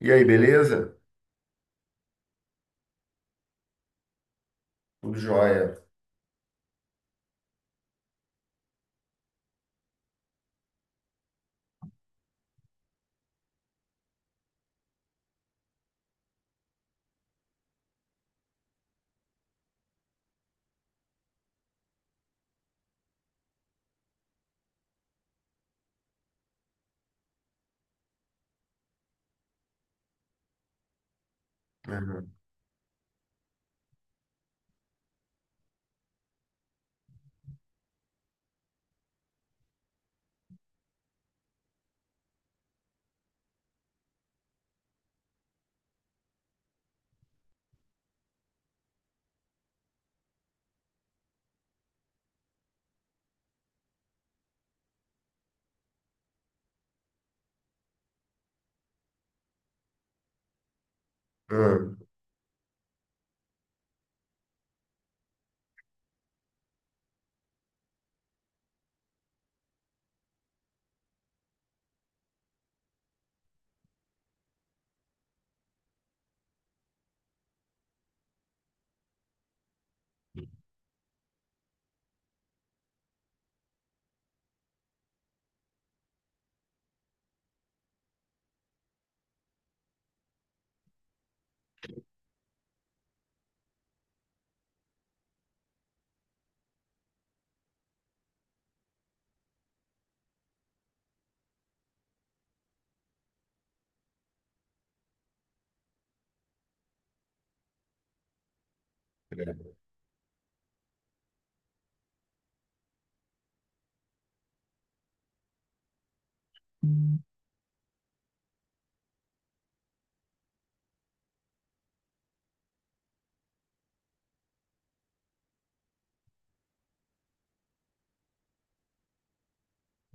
E aí, beleza? Tudo jóia. Uhum. Uhum.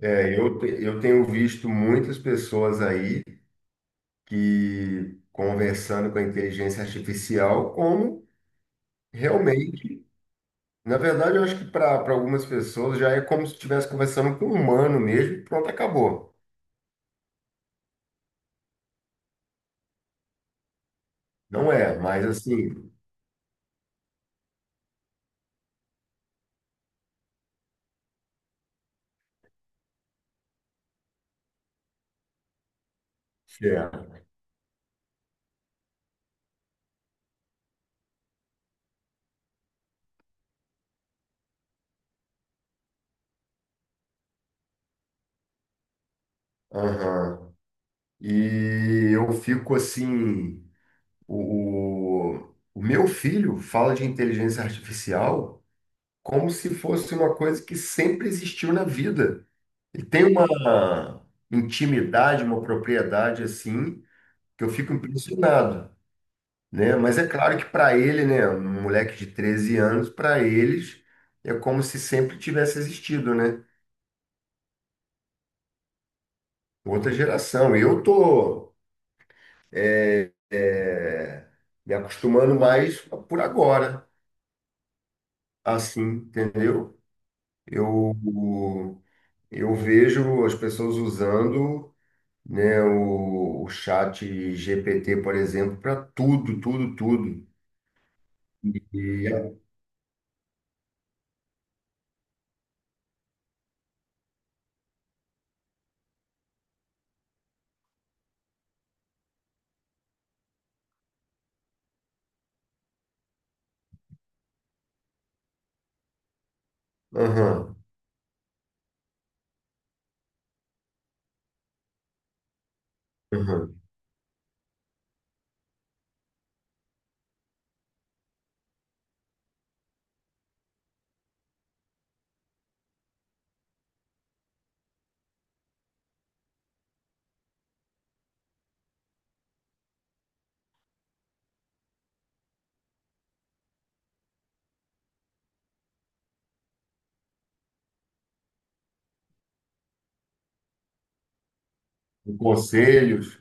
É, eu tenho visto muitas pessoas aí que conversando com a inteligência artificial como realmente, na verdade, eu acho que para algumas pessoas já é como se estivesse conversando com um humano mesmo, pronto, acabou. Não é, mas assim, é. Uhum. E eu fico assim, o meu filho fala de inteligência artificial, como se fosse uma coisa que sempre existiu na vida. E tem uma intimidade, uma propriedade assim, que eu fico impressionado, né? Mas é claro que para ele, né, um moleque de 13 anos, para eles é como se sempre tivesse existido, né? Outra geração. Eu tô é, me acostumando mais por agora, assim, entendeu? Eu eu vejo as pessoas usando, né, o chat GPT, por exemplo, para tudo, tudo, tudo. E, aham, aham. E conselhos,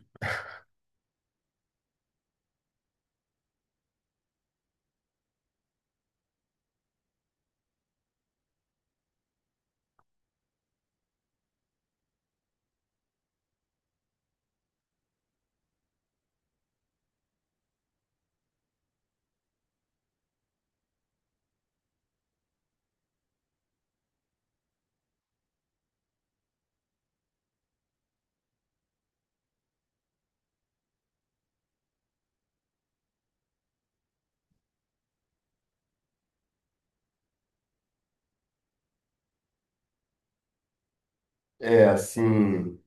é assim,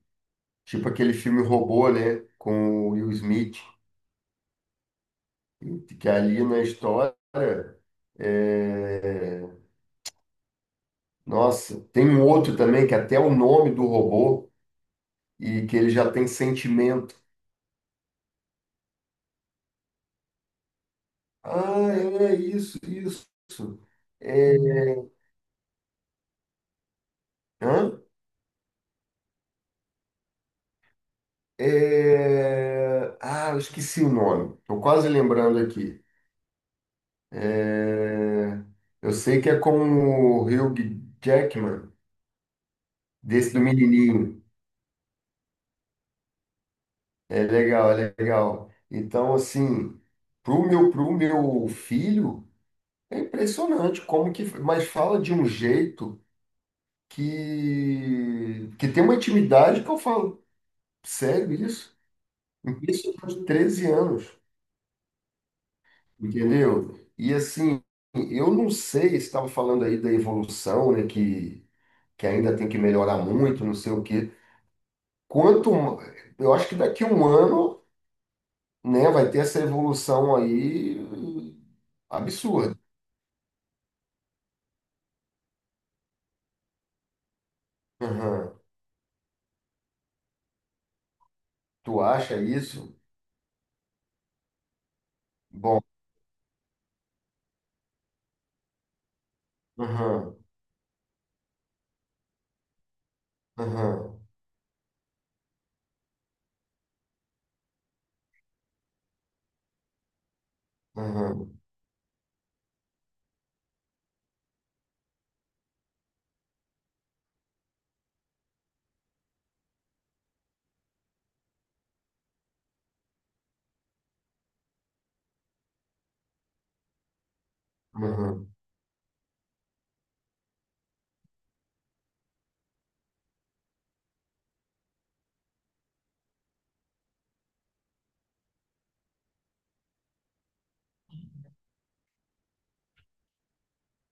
tipo aquele filme Robô, né, com o Will Smith, que ali na história, é, nossa, tem um outro também que até o nome do robô e que ele já tem sentimento. Ah, é isso, isso. É, hã? É, ah, eu esqueci o nome. Estou quase lembrando aqui. É, eu sei que é com o Hugh Jackman, desse do menininho. É legal, é legal. Então, assim, pro meu filho, é impressionante como que... Mas fala de um jeito que tem uma intimidade que eu falo, sério isso? Isso de 13 anos. Entendeu? E assim, eu não sei, você estava falando aí da evolução, né, que ainda tem que melhorar muito, não sei o quê. Quanto, eu acho que daqui a um ano, né, vai ter essa evolução aí absurda. Aham. Tu acha isso? Bom, aham, aham, aham, aham.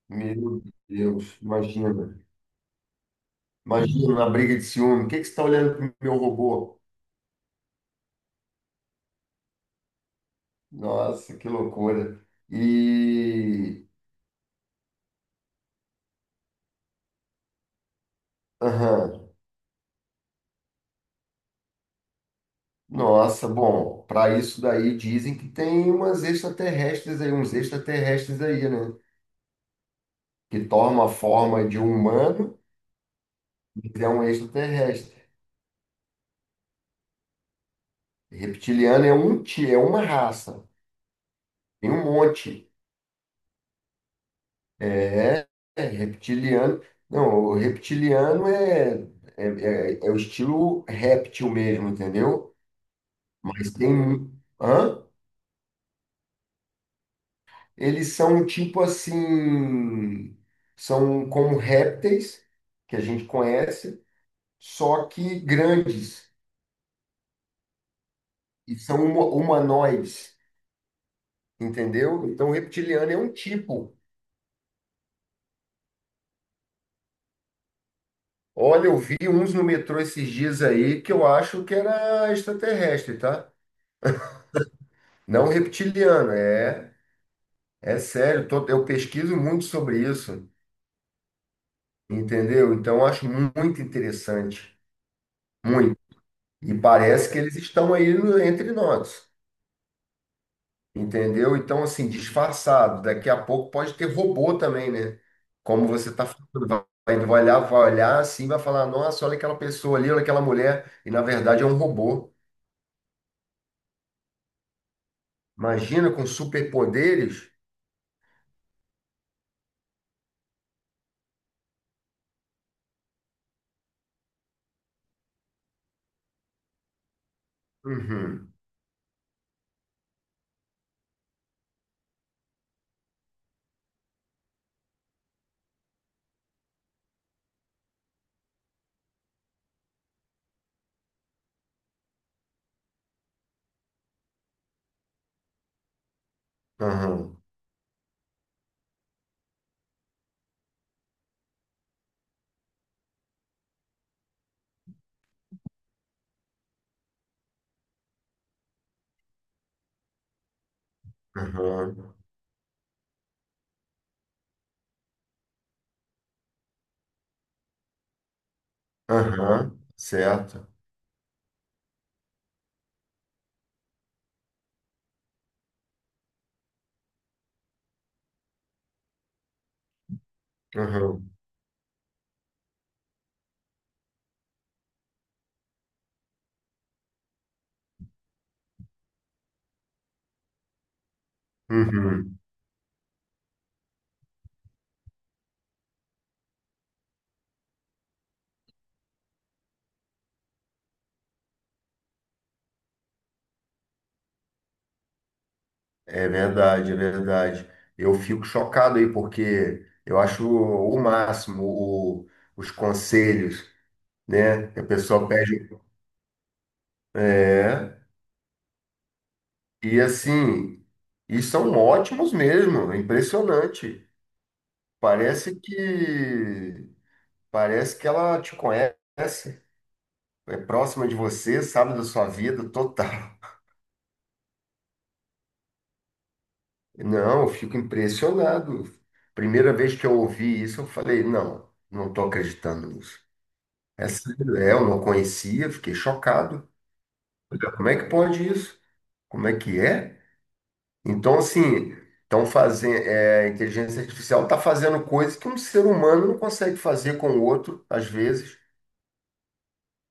Meu Deus, imagina. Imagina uma briga de ciúme. O que que você está olhando pro meu robô? Nossa, que loucura. E. Aham. Nossa, bom, para isso daí dizem que tem umas extraterrestres aí, uns extraterrestres aí, né? Que toma a forma de um humano, mas é um extraterrestre. Reptiliano é um ti, é uma raça, tem um monte. É, é reptiliano. Não, o reptiliano é, é o estilo réptil mesmo, entendeu? Mas tem. Hã? Eles são tipo assim. São como répteis que a gente conhece, só que grandes e são humanoides, entendeu? Então, reptiliano é um tipo. Olha, eu vi uns no metrô esses dias aí que eu acho que era extraterrestre, tá? Não reptiliano, é, é sério, eu pesquiso muito sobre isso, entendeu? Então, eu acho muito interessante, muito. E parece que eles estão aí entre nós. Entendeu? Então, assim, disfarçado. Daqui a pouco pode ter robô também, né? Como você está falando, vai, vai olhar assim, vai falar, nossa, olha aquela pessoa ali, olha aquela mulher. E na verdade é um robô. Imagina com superpoderes. Uhum, uhum, uhum, uhum, certo. Uhum, uhum. É verdade, é verdade. Eu fico chocado aí, porque eu acho o máximo os conselhos, né? Que a pessoa pede. É. E assim, e são ótimos mesmo, é impressionante. Parece que parece que ela te conhece, é próxima de você, sabe da sua vida total. Não, eu fico impressionado. Primeira vez que eu ouvi isso, eu falei, não, não estou acreditando nisso. É sério, é, eu não conhecia, fiquei chocado. Olha, como é que pode isso? Como é que é? Então, assim, estão fazendo, é, a inteligência artificial está fazendo coisas que um ser humano não consegue fazer com o outro, às vezes.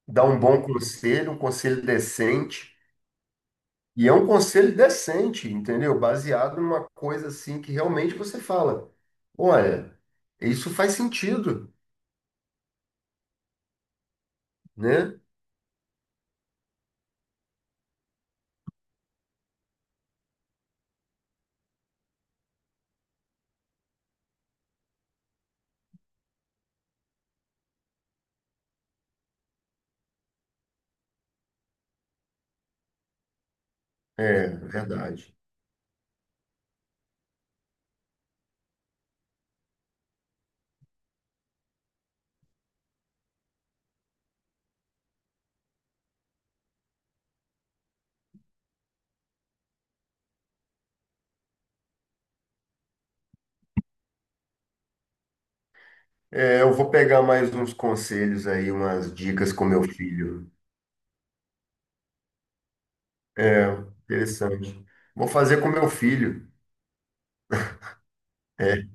Dá um bom conselho, um conselho decente. E é um conselho decente, entendeu? Baseado numa coisa assim que realmente você fala. Olha, isso faz sentido, né? É, verdade. É, eu vou pegar mais uns conselhos aí, umas dicas com meu filho. É, interessante. Vou fazer com meu filho. É,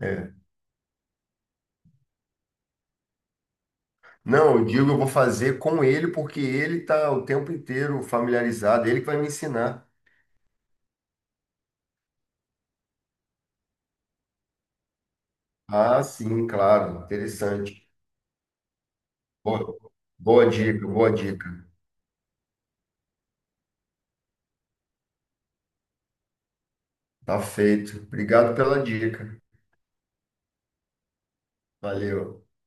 é. Não, eu digo, eu vou fazer com ele porque ele está o tempo inteiro familiarizado, ele que vai me ensinar. Ah, sim, claro, interessante. Boa, boa dica, boa dica. Tá feito. Obrigado pela dica. Valeu.